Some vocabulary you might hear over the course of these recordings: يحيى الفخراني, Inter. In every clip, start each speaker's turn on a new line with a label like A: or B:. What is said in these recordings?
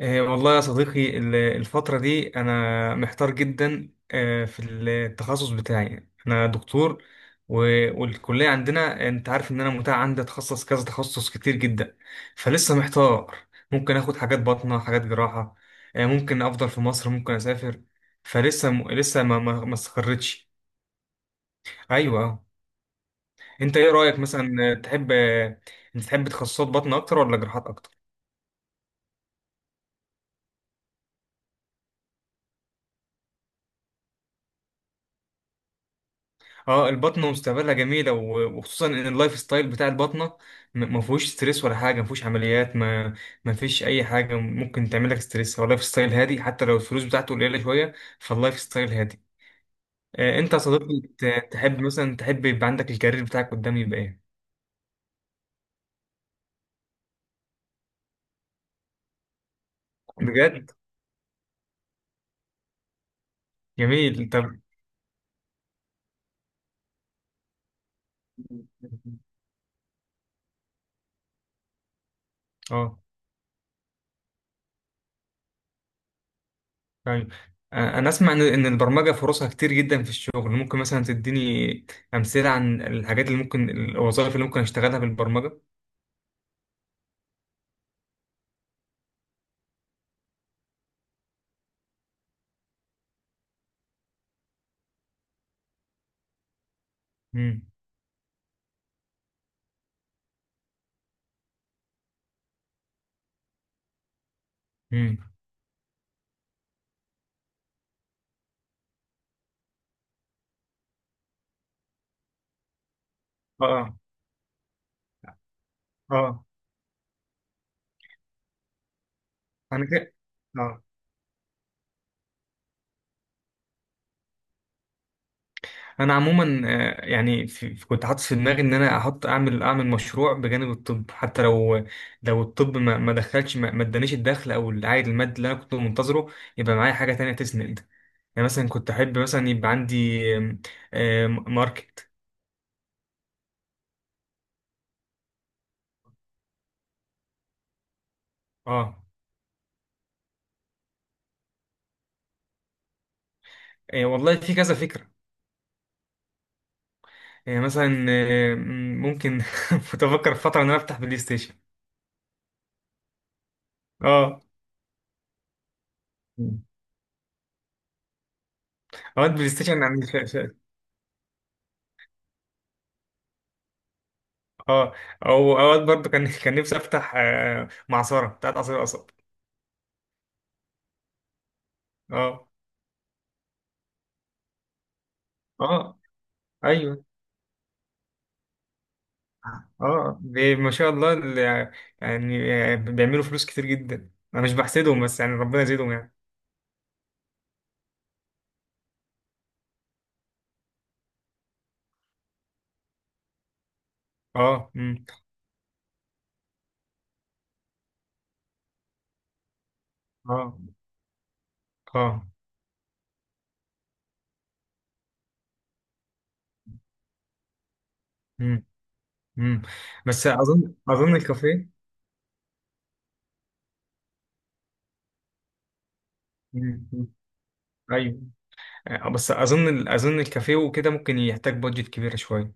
A: والله يا صديقي الفترة دي أنا محتار جدا، في التخصص بتاعي أنا دكتور، والكلية عندنا أنت عارف إن أنا متاح عندي أتخصص كذا تخصص كتير جدا. فلسه محتار. ممكن آخد حاجات باطنة حاجات جراحة. ممكن أفضل في مصر، ممكن أسافر. فلسه لسه ما استقرتش. أيوه. أنت إيه رأيك مثلا، آه، تحب آه، أنت تحب تخصصات باطنة أكتر ولا جراحات أكتر؟ اه. البطنة مستقبلها جميلة، وخصوصا ان اللايف ستايل بتاع البطنة ما فيهوش ستريس ولا حاجة، ما فيهوش عمليات، ما فيش اي حاجة ممكن تعمل لك ستريس. هو اللايف ستايل هادي حتى لو الفلوس بتاعته قليلة شوية. فاللايف ستايل هادي. انت يا صديقي، تحب يبقى عندك الكارير بتاعك قدام يبقى ايه؟ بجد. جميل طب. اه. طيب. انا اسمع إن البرمجة فرصها كتير جدا في الشغل. ممكن مثلا تديني امثلة عن الحاجات اللي ممكن الوظائف اللي ممكن اشتغلها بالبرمجة؟ مم. اه. اه. اه. انا كده. اه. انا عموما، يعني كنت حاطط في دماغي ان انا احط اعمل اعمل مشروع بجانب الطب، حتى لو الطب ما دخلش، ما ادانيش الدخل او العائد المادي اللي انا كنت منتظره، يبقى معايا حاجه تانية تسند. يعني مثلا كنت احب مثلا يبقى عندي آم، آم، ماركت. اه. والله في كذا فكره. مثلا، ممكن كنت افكر في فتره ان انا افتح بلاي ستيشن. اه. اوقات بلاي ستيشن يعني. اه. او اوقات برضو كان كان نفسي افتح معصره بتاعت عصير قصب. اه. اه. ايوه. اه. ما شاء الله يعني، بيعملوا فلوس كتير جدا. انا مش بحسدهم، بس يعني ربنا يزيدهم يعني. اه. امم. اه. اه. امم. امم. بس اظن الكافيه. مم، مم. ايوه. بس اظن الكافيه وكده ممكن يحتاج بادجت كبيره شويه.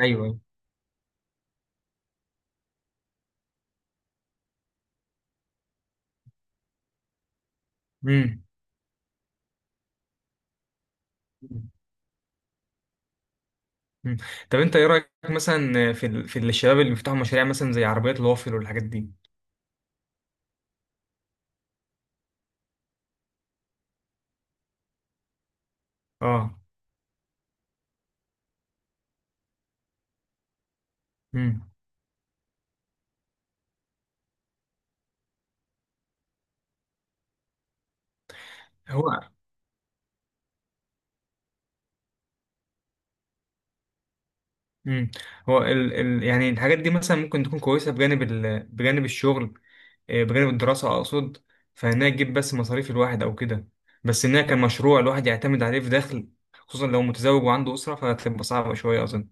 A: ايوه. امم. مم. طب انت ايه رايك مثلا في الشباب اللي بيفتحوا مشاريع مثلا زي عربيات الوافل والحاجات دي؟ اه. امم. هو. امم. هو يعني الحاجات دي مثلا ممكن تكون كويسه بجانب بجانب الشغل، بجانب الدراسه اقصد. فانها تجيب بس مصاريف الواحد او كده، بس انها كمشروع الواحد يعتمد عليه في دخل، خصوصا لو متزوج وعنده اسره فهتبقى صعبه شويه اظن.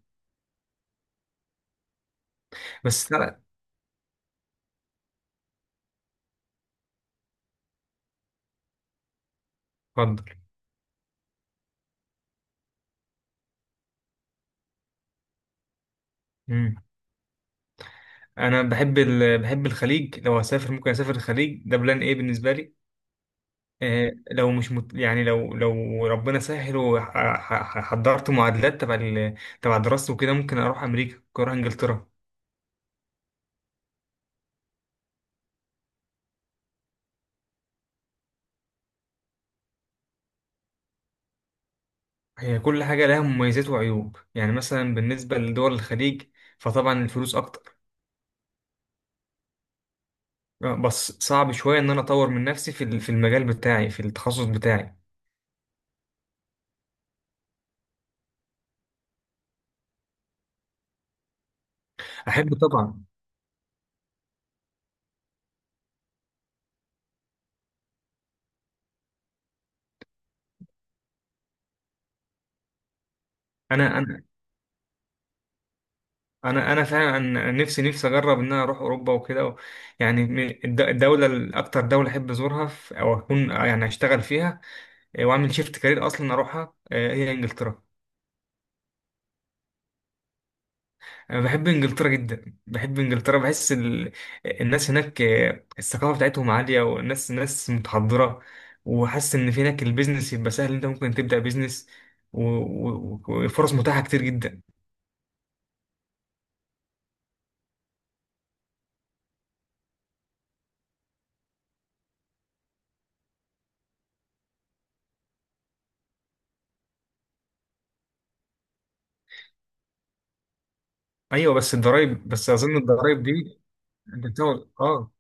A: بس لا. اتفضل. امم. انا بحب بحب الخليج. لو هسافر ممكن اسافر الخليج، ده بلان ايه بالنسبه لي. لو مش مت... يعني، لو ربنا سهل وحضرت معادلات تبع تبع دراستي وكده ممكن اروح امريكا، ممكن اروح انجلترا. هي كل حاجه لها مميزات وعيوب، يعني مثلا بالنسبه لدول الخليج فطبعا الفلوس اكتر. بس صعب شويه ان انا اطور من نفسي في المجال بتاعي في التخصص بتاعي. احب طبعا. انا انا انا فعلا نفسي اجرب ان انا اروح اوروبا وكده يعني الدوله الاكتر دوله احب ازورها او اكون يعني اشتغل فيها، واعمل شيفت كارير اصلا اروحها، هي انجلترا. انا بحب انجلترا جدا، بحب انجلترا، بحس الناس هناك، الثقافه بتاعتهم عاليه والناس ناس متحضره. وحاسس ان في هناك البيزنس يبقى سهل، انت ممكن تبدا بيزنس، وفرص متاحه كتير جدا. ايوه. بس اظن الضرايب دي، انت بتاخد اه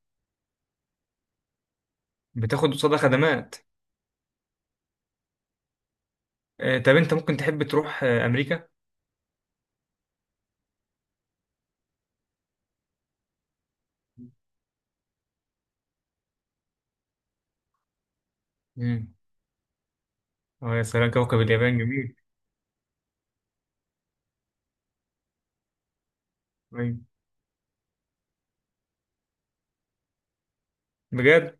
A: بتاخد قصادها خدمات. طب انت ممكن تحب تروح امريكا؟ امم. اه يا سلام، كوكب اليابان جميل. أيوة. بجد.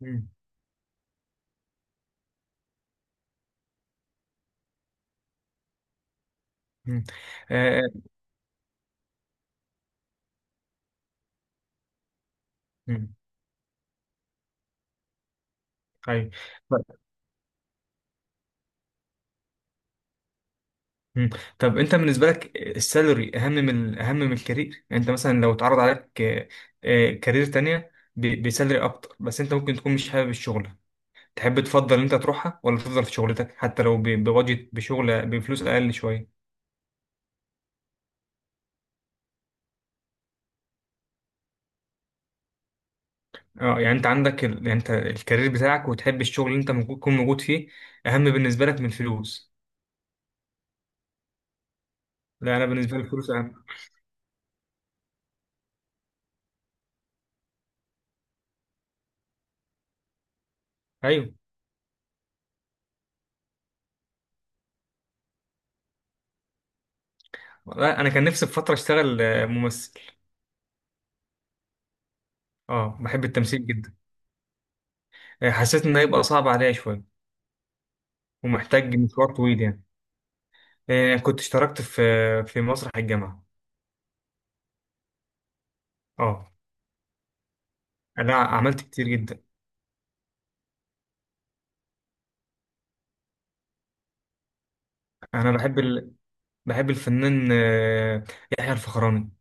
A: مم. مم. آه، مم. ايوه. طب. مم. طب انت بالنسبه لك السالري اهم من الكارير. يعني انت مثلا لو اتعرض عليك كارير تانية بسالري اكتر بس انت ممكن تكون مش حابب الشغل، تحب تفضل ان انت تروحها ولا تفضل في شغلتك حتى لو ب- بوجه بشغل بفلوس اقل شويه؟ اه، يعني انت عندك يعني انت الكارير بتاعك وتحب الشغل اللي انت ممكن تكون موجود فيه اهم بالنسبه لك من الفلوس. لا، انا بالنسبه لي الفلوس اهم. ايوه. والله انا كان نفسي في فتره اشتغل ممثل. اه، بحب التمثيل جدا. حسيت إنه هيبقى صعب عليا شوية ومحتاج مشوار طويل يعني. كنت اشتركت في مسرح الجامعة. اه. لا، عملت كتير جدا. أنا بحب بحب الفنان، يحيى الفخراني.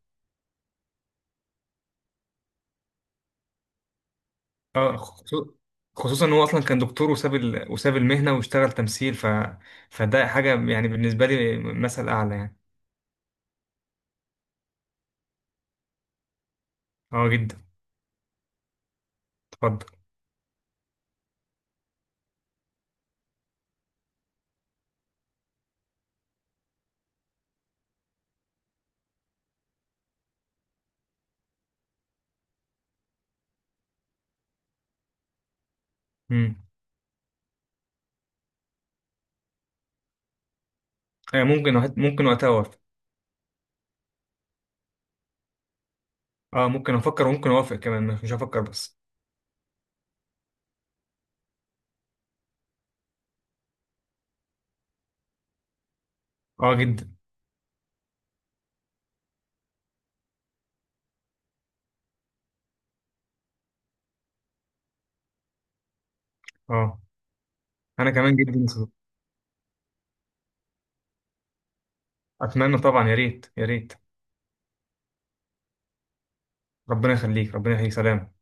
A: اه، خصوصا إن هو أصلا كان دكتور، وساب وساب المهنة واشتغل تمثيل، فده حاجة يعني بالنسبة لي مثل أعلى يعني. اه جدا. اتفضل. مم. ممكن وقتها أوافق. اه، ممكن أفكر وممكن أوافق كمان، مش هفكر بس. اه جدا. اه أنا كمان جدا. اتمنى طبعا، يا ريت يا ريت. ربنا يخليك، ربنا يخليك، سلام.